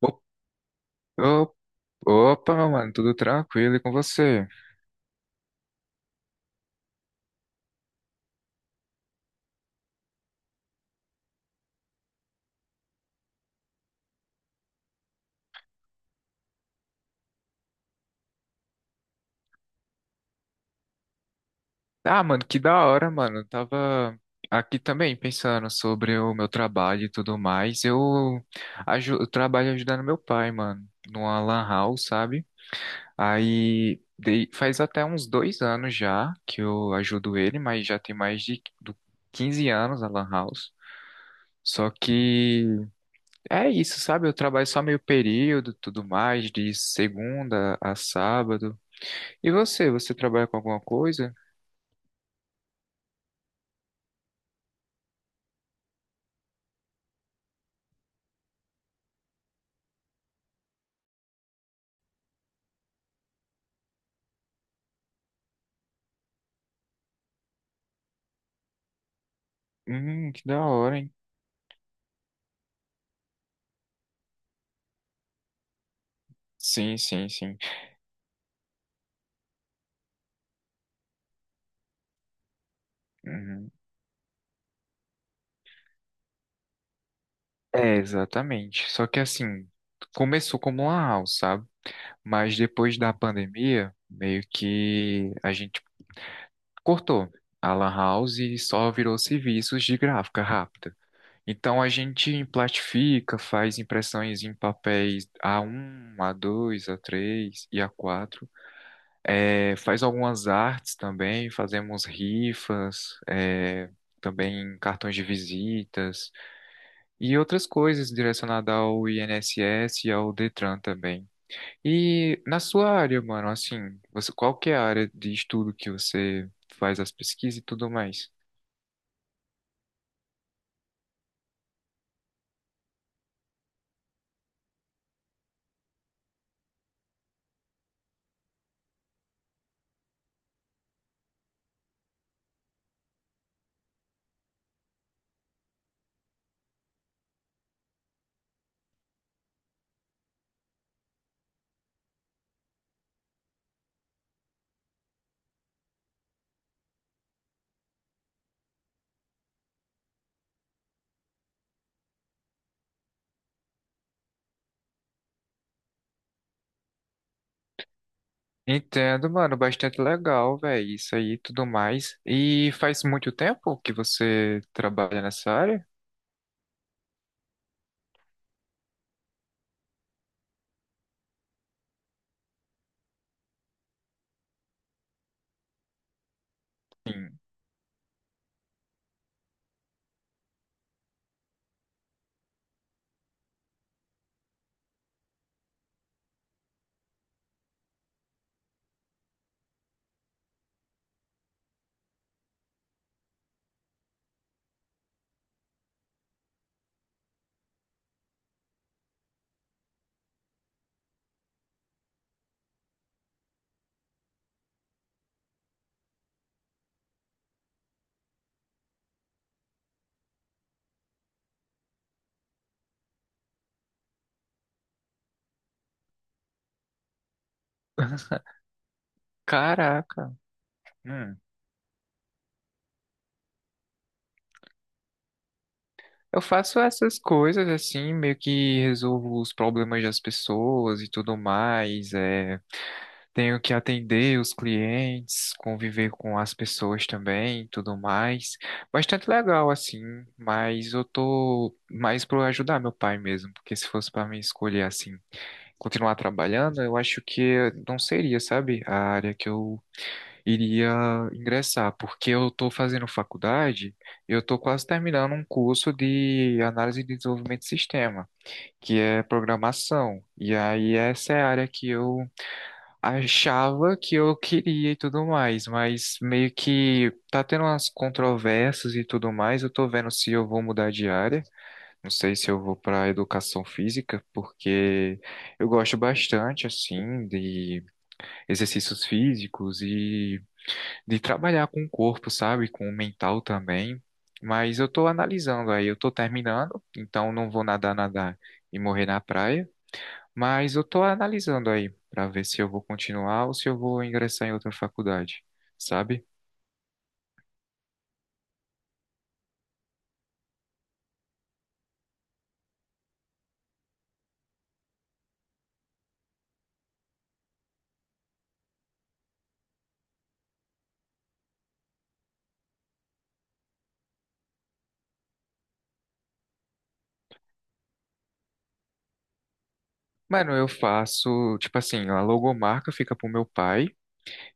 Op- op- Opa, mano, tudo tranquilo e com você? Ah, mano, que da hora, mano. Eu tava aqui também pensando sobre o meu trabalho e tudo mais. Eu trabalho ajudando meu pai, mano, numa lan house, sabe? Aí faz até uns 2 anos já que eu ajudo ele, mas já tem mais de do 15 anos a lan house. Só que é isso, sabe? Eu trabalho só meio período, tudo mais, de segunda a sábado. E você trabalha com alguma coisa? Que da hora, hein? Sim, sim, sim. Uhum. É, exatamente. Só que assim, começou como uma house, sabe? Mas depois da pandemia, meio que a gente cortou a lan house e só virou serviços de gráfica rápida. Então a gente plastifica, faz impressões em papéis A1, A2, A3 e A4. É, faz algumas artes também, fazemos rifas, é, também cartões de visitas e outras coisas direcionadas ao INSS e ao Detran também. E na sua área, mano, assim, você, qual que é a área de estudo que você faz as pesquisas e tudo mais? Entendo, mano, bastante legal, velho, isso aí e tudo mais. E faz muito tempo que você trabalha nessa área? Sim. Caraca. Hum. Eu faço essas coisas assim, meio que resolvo os problemas das pessoas e tudo mais. É, tenho que atender os clientes, conviver com as pessoas também, tudo mais. Bastante legal assim, mas eu tô mais pro ajudar meu pai mesmo, porque se fosse para mim escolher assim, continuar trabalhando, eu acho que não seria, sabe, a área que eu iria ingressar, porque eu estou fazendo faculdade, eu estou quase terminando um curso de análise de desenvolvimento de sistema, que é programação. E aí essa é a área que eu achava que eu queria e tudo mais, mas meio que tá tendo umas controvérsias e tudo mais. Eu tô vendo se eu vou mudar de área, não sei se eu vou para educação física, porque eu gosto bastante assim de exercícios físicos e de trabalhar com o corpo, sabe? Com o mental também. Mas eu tô analisando aí, eu tô terminando, então não vou nadar, nadar e morrer na praia. Mas eu tô analisando aí pra ver se eu vou continuar ou se eu vou ingressar em outra faculdade, sabe? Mano, eu faço, tipo assim, a logomarca fica pro meu pai.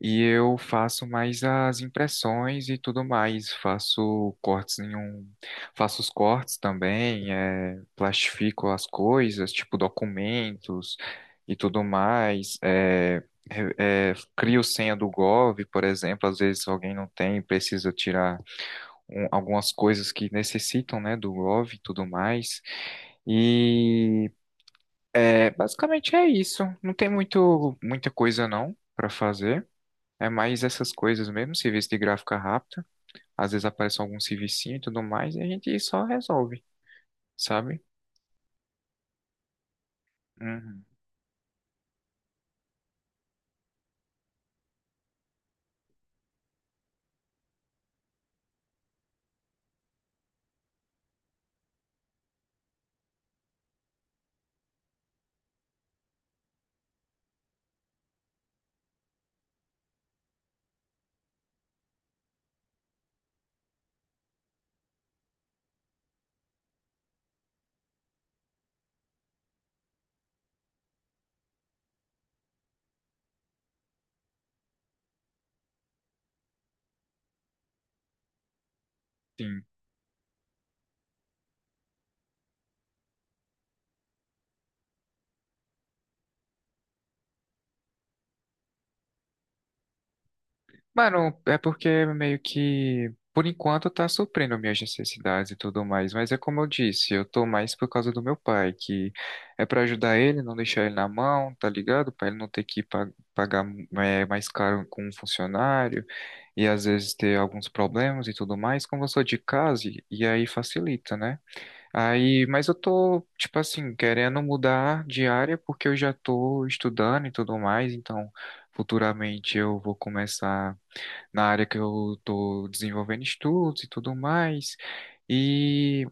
E eu faço mais as impressões e tudo mais. Faço cortes em um, faço os cortes também, é, plastifico as coisas, tipo documentos e tudo mais. É, é, crio senha do Gov, por exemplo. Às vezes alguém não tem, precisa tirar algumas coisas que necessitam, né, do Gov e tudo mais. E é, basicamente é isso. Não tem muito, muita coisa não para fazer. É mais essas coisas mesmo, serviço de gráfica rápida. Às vezes aparece algum servicinho e tudo mais, e a gente só resolve, sabe? Uhum, sim. Mano, é porque meio que, por enquanto, tá suprindo minhas necessidades e tudo mais. Mas é como eu disse, eu tô mais por causa do meu pai, que é pra ajudar ele, não deixar ele na mão, tá ligado? Pra ele não ter que pagar é, mais caro com um funcionário e às vezes ter alguns problemas e tudo mais. Como eu sou de casa, e aí facilita, né? Aí, mas eu tô, tipo assim, querendo mudar de área porque eu já tô estudando e tudo mais, então futuramente eu vou começar na área que eu tô desenvolvendo estudos e tudo mais. E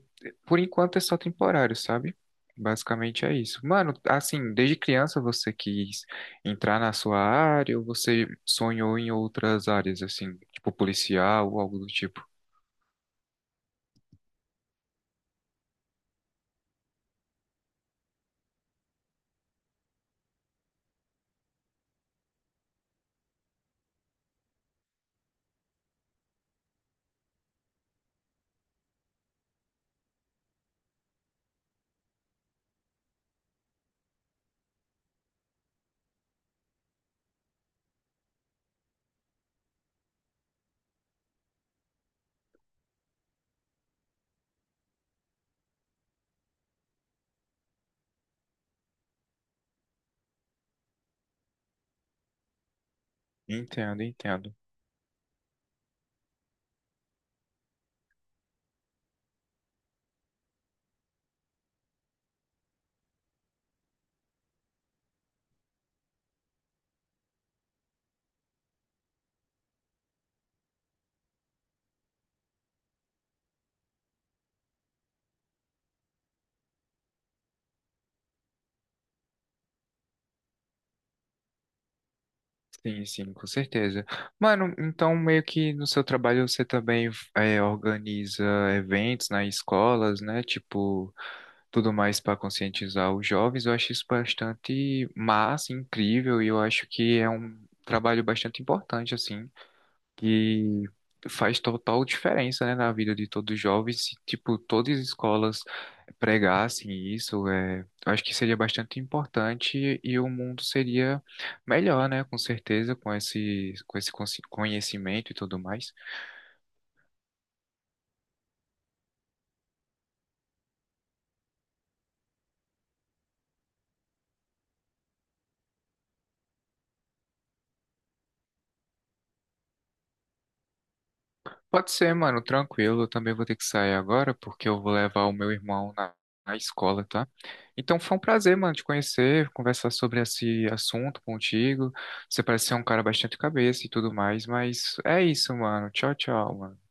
por enquanto é só temporário, sabe? Basicamente é isso. Mano, assim, desde criança você quis entrar na sua área ou você sonhou em outras áreas, assim, tipo policial ou algo do tipo? Entendo, entendo. Sim, sim, com certeza. Mano, então meio que no seu trabalho você também é, organiza eventos nas escolas, né? Tipo, tudo mais para conscientizar os jovens. Eu acho isso bastante massa, incrível, e eu acho que é um trabalho bastante importante, assim que faz total diferença, né, na vida de todos os jovens. Se, tipo, todas as escolas pregassem isso, é, eu acho que seria bastante importante e o mundo seria melhor, né, com certeza, com esse conhecimento e tudo mais. Pode ser, mano, tranquilo. Eu também vou ter que sair agora porque eu vou levar o meu irmão na, na escola, tá? Então foi um prazer, mano, te conhecer, conversar sobre esse assunto contigo. Você parece ser um cara bastante cabeça e tudo mais, mas é isso, mano. Tchau, tchau, mano.